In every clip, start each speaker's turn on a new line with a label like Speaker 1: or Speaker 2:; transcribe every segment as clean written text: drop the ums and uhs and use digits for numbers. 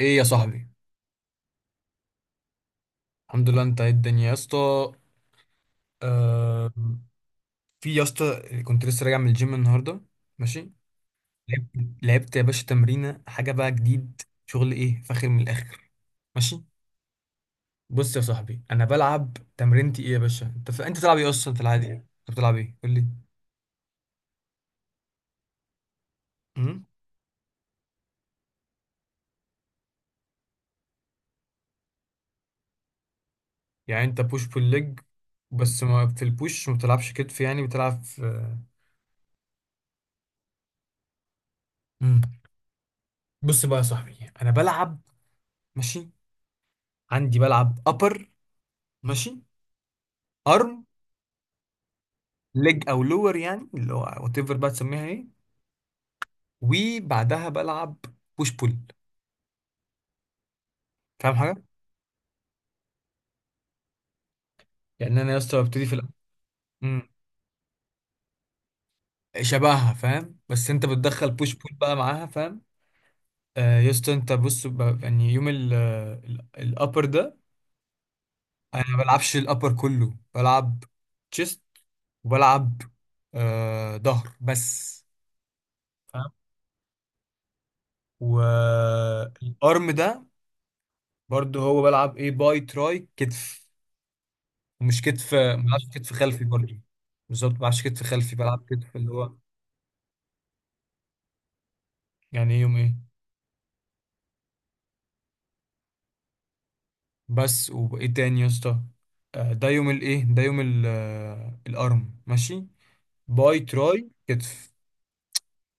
Speaker 1: ايه يا صاحبي؟ الحمد لله. انت ايه الدنيا يا اسطى؟ آه. في يا اسطى، كنت لسه راجع من الجيم النهارده. ماشي. لعبت. لعبت يا باشا تمرينه، حاجه بقى جديد، شغل ايه فاخر من الاخر. ماشي. بص يا صاحبي، انا بلعب تمرينتي ايه يا باشا. انت بتلعب ايه اصلا في العادي انت؟ بتلعب ايه؟ قول لي. امم. يعني انت بوش بول ليج. بس ما في البوش ما بتلعبش كتف، يعني بتلعب في؟ امم. بص بقى يا صاحبي انا بلعب. ماشي. عندي بلعب ابر. ماشي. ارم. ليج او لور، يعني اللي هو وات ايفر بقى تسميها ايه. وبعدها بلعب بوش بول. فاهم حاجه. يعني انا يا اسطى ببتدي في الأول. شبهها فاهم، بس انت بتدخل بوش بول بقى معاها فاهم. آه يا اسطى انت بص، يعني يوم ال، الابر ده. انا ما بلعبش الابر كله، بلعب تشيست، وبلعب آه ظهر بس. فاهم. والارم ده، برضو هو بلعب ايه، باي تراي كتف. ومش كتف، ما بلعبش كتف خلفي برضه. بالظبط، ما بلعبش كتف خلفي، بلعب كتف اللي هو. يعني ايه يوم ايه؟ بس وايه تاني يا اسطى؟ ده يوم الايه، ده الارم ماشي. باي تراي كتف.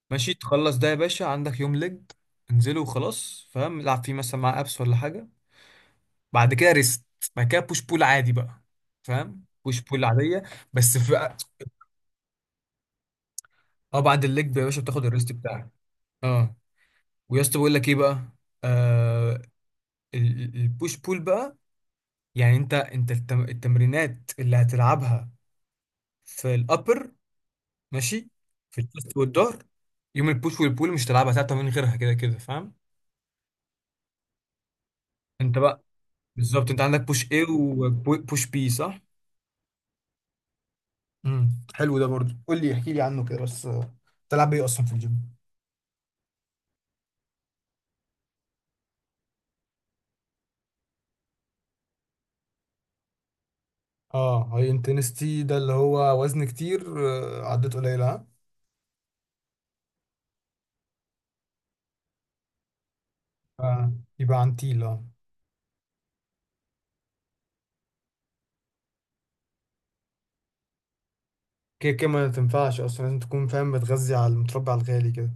Speaker 1: ماشي، تخلص ده يا باشا عندك يوم ليج. انزله وخلاص فاهم، العب فيه مثلا مع ابس ولا حاجه. بعد كده ريست. بعد كده بوش بول عادي بقى. فاهم، بوش بول عاديه. بس في. اه بعد الليج يا باشا بتاخد الريست بتاعك. اه. ويا اسطى بقول لك ايه بقى. آه. البوش بول بقى. يعني انت التمرينات اللي هتلعبها في الابر. ماشي. في الشيست والظهر، يوم البوش والبول مش هتلعبها ثلاثة من غيرها كده كده فاهم. انت بقى، بالظبط انت عندك بوش ايه وبوش بي صح؟ امم. حلو ده برضو، قول لي احكي لي عنه كده بس، تلعب ايه اصلا في الجيم؟ اه هاي انتنستي ده اللي هو وزن كتير، عدات قليلة، ها؟ آه. يبقى عن تيل اه. كده كده ما تنفعش اصلا، لازم تكون فاهم بتغذي على المتربع الغالي كده.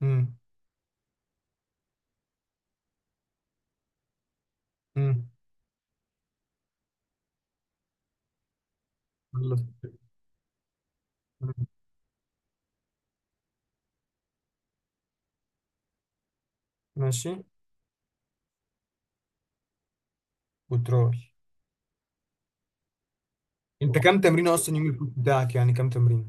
Speaker 1: مم. يلا. مم. ماشي. وتراي. انت كام تمرينه اصلا يوم الفوت بتاعك؟ يعني كام تمرينه؟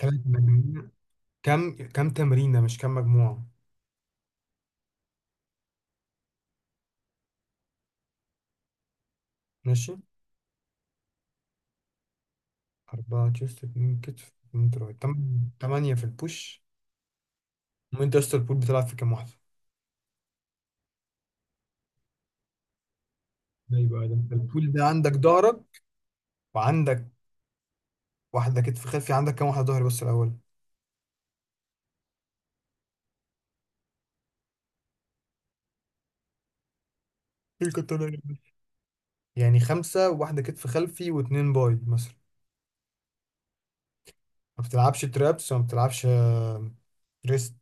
Speaker 1: 3 تمارين. كام تمرينه مش كام مجموعه؟ ماشي. 4 تشيست، 2 كتف، 2 تراي، 8 في البوش. وانت يا اسطى البول بتلعب في كام واحده؟ ايوه بقى، ده انت البول ده عندك ظهرك. وعندك واحده كتف خلفي، عندك كام واحده ظهري بس الاول؟ إيه الكتة ده يعني؟ يعني خمسه، وواحده كتف خلفي، واتنين باي مثلا. ما بتلعبش ترابس وما بتلعبش ريست؟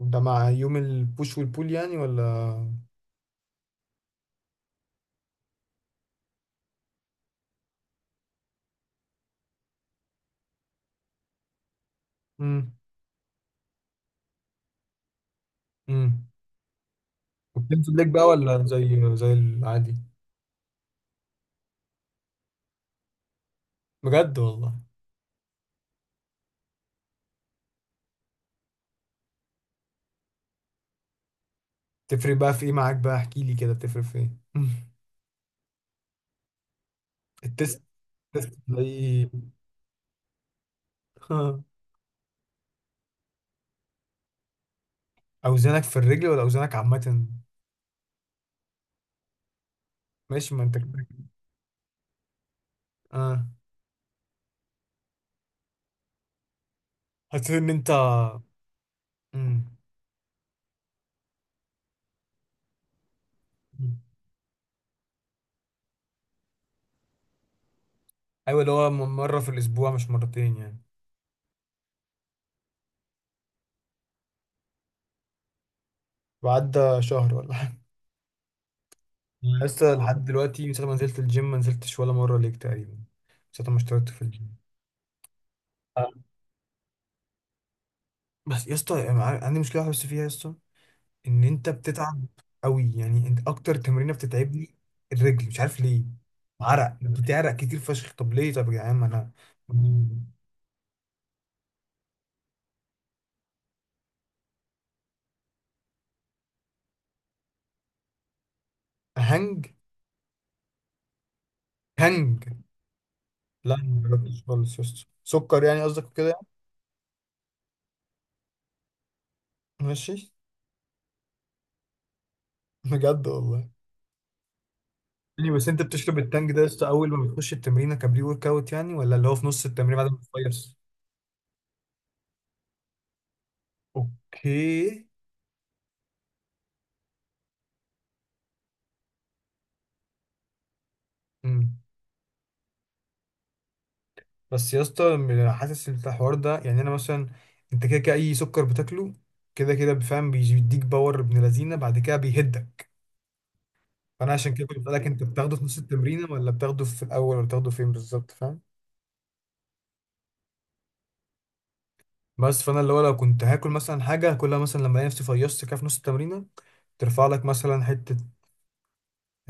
Speaker 1: ده مع يوم البوش والبول يعني ولا؟ امم. امم. وبتنزل ليك بقى ولا زي العادي؟ بجد والله؟ تفرق بقى في ايه معاك؟ بقى احكي لي كده، تفرق في ايه؟ مم. التست. التست تلاقي. ها، اوزانك في الرجل ولا اوزانك عامة؟ ماشي، ما انت كده. اه. حسيت ان انت. امم. ايوه، اللي هو مرة في الاسبوع مش مرتين يعني. وعدى شهر ولا حاجة؟ مم. لسه لحد دلوقتي، من ساعة ما نزلت الجيم ما نزلتش ولا مرة ليك تقريبا، من ساعة ما اشتركت في الجيم. بس يا اسطى أنا عندي مشكله واحده بس فيها يا اسطى، ان انت بتتعب قوي، يعني انت اكتر تمرينه بتتعبني الرجل، مش عارف ليه. عرق بتعرق كتير فشخ، طب ليه؟ طب يا جدعان ما انا. هنج. هنج. لا، ما جربتش خالص يا اسطى، سكر يعني قصدك وكده يعني؟ ماشي. بجد والله؟ يعني بس انت بتشرب التانج ده يا اسطى اول ما بتخش التمرينه كبري ورك اوت يعني؟ ولا اللي هو في نص التمرين بعد ما تخلص؟ اوكي. مم. بس يا اسطى حاسس ان الحوار ده، يعني انا مثلا، انت كده كده اي سكر بتاكله كده كده بفهم بيديك باور ابن لذينه بعد كده بيهدك. فانا عشان كده كنت بسألك، انت بتاخده في نص التمرين ولا بتاخده في الاول ولا بتاخده فين بالظبط فاهم؟ بس فانا اللي هو، لو كنت هاكل مثلا حاجه هاكلها مثلا لما الاقي نفسي فيصت كده في نص التمرينه، ترفع لك مثلا حته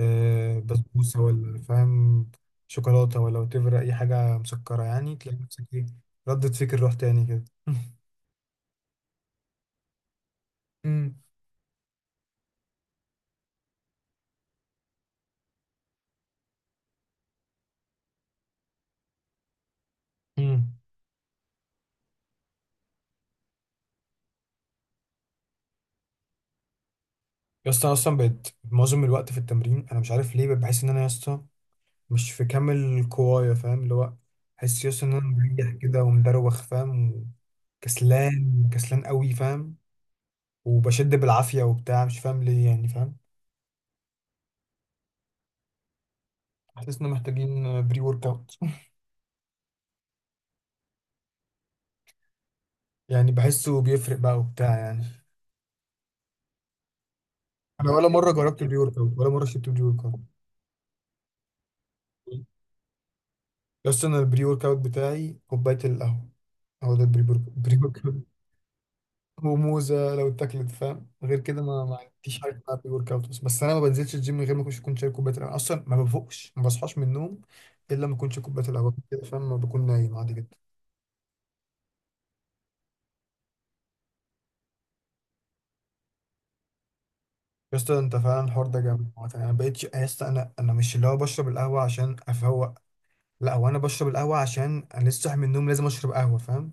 Speaker 1: بسبوسه ولا فاهم، شوكولاته ولا، وتفرق اي حاجه مسكره، يعني تلاقي نفسك ايه، ردت فكر، روح تاني كده. امم. يا اسطى أنا اصلا بقيت معظم الوقت في التمرين انا مش عارف ليه، بقيت بحس ان انا يا اسطى مش في كامل قوايا فاهم، اللي هو بحس يا اسطى ان انا مريح كده ومدروخ فاهم، وكسلان كسلان قوي فاهم، وبشد بالعافيه وبتاع مش فاهم ليه يعني فاهم. حاسس ان محتاجين بري ورك اوت. يعني بحسه بيفرق بقى وبتاع يعني. انا ولا مره جربت بري ورك اوت، ولا مره شربت بري ورك اوت. يا اسطى انا البري ورك اوت بتاعي كوبايه القهوه. هو ده البري ورك. وموزه لو اتاكلت فاهم، غير كده ما عنديش حاجه اسمها بري ورك اوت. بس انا ما بنزلش الجيم من غير ما اكونش كنت شارب كوبايه القهوه، اصلا ما بفوقش، ما بصحاش من النوم الا ما اكونش كوبايه القهوه كده فاهم، ما بكون نايم عادي جدا. يا اسطى انت فعلا الحوار ده جامد عامة. انا بقيتش يا اسطى، انا مش اللي هو بشرب القهوه عشان افوق. لا، هو انا بشرب القهوه عشان انا لسه صاحي من النوم، لازم اشرب قهوه فاهم.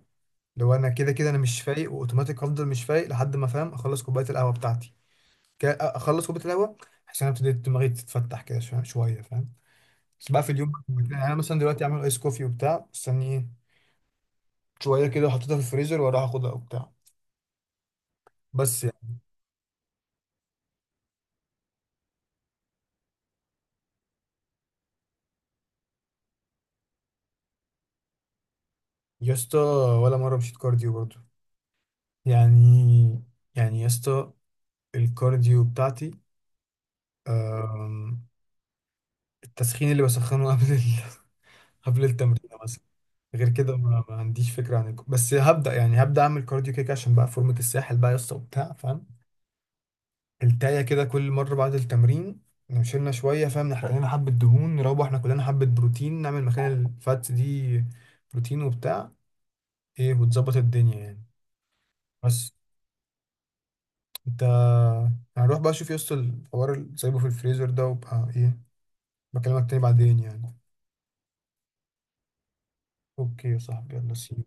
Speaker 1: لو انا كده كده انا مش فايق، واوتوماتيك هفضل مش فايق لحد ما، فاهم، اخلص كوبايه القهوه بتاعتي. كده اخلص كوبايه القهوه عشان ابتدي دماغي تتفتح كده شويه شوية، فاهم. بس بقى في اليوم، يعني انا مثلا دلوقتي اعمل ايس كوفي وبتاع استنيه شويه كده، وحطيتها في الفريزر واروح اخدها وبتاع. بس يعني. يا اسطى ولا مره مشيت كارديو برضو. يعني يعني يا اسطى الكارديو بتاعتي، أم، التسخين اللي بسخنه قبل قبل التمرين مثلا. غير كده ما عنديش فكره عن بس هبدا، يعني هبدا اعمل كارديو كده كده عشان بقى فورمه الساحل بقى يا اسطى وبتاع فاهم. التاية كده كل مرة بعد التمرين نشيلنا شوية فاهم، نحرق لنا حبة دهون، نروح احنا كلنا حبة بروتين نعمل مكان الفاتس دي، بروتين وبتاع ايه، وتظبط الدنيا يعني. بس. انت، هنروح بقى شوف يوصل الحوار اللي سايبه في الفريزر ده وبقى ايه، بكلمك تاني بعدين يعني. اوكي يا صاحبي، يلا، سي.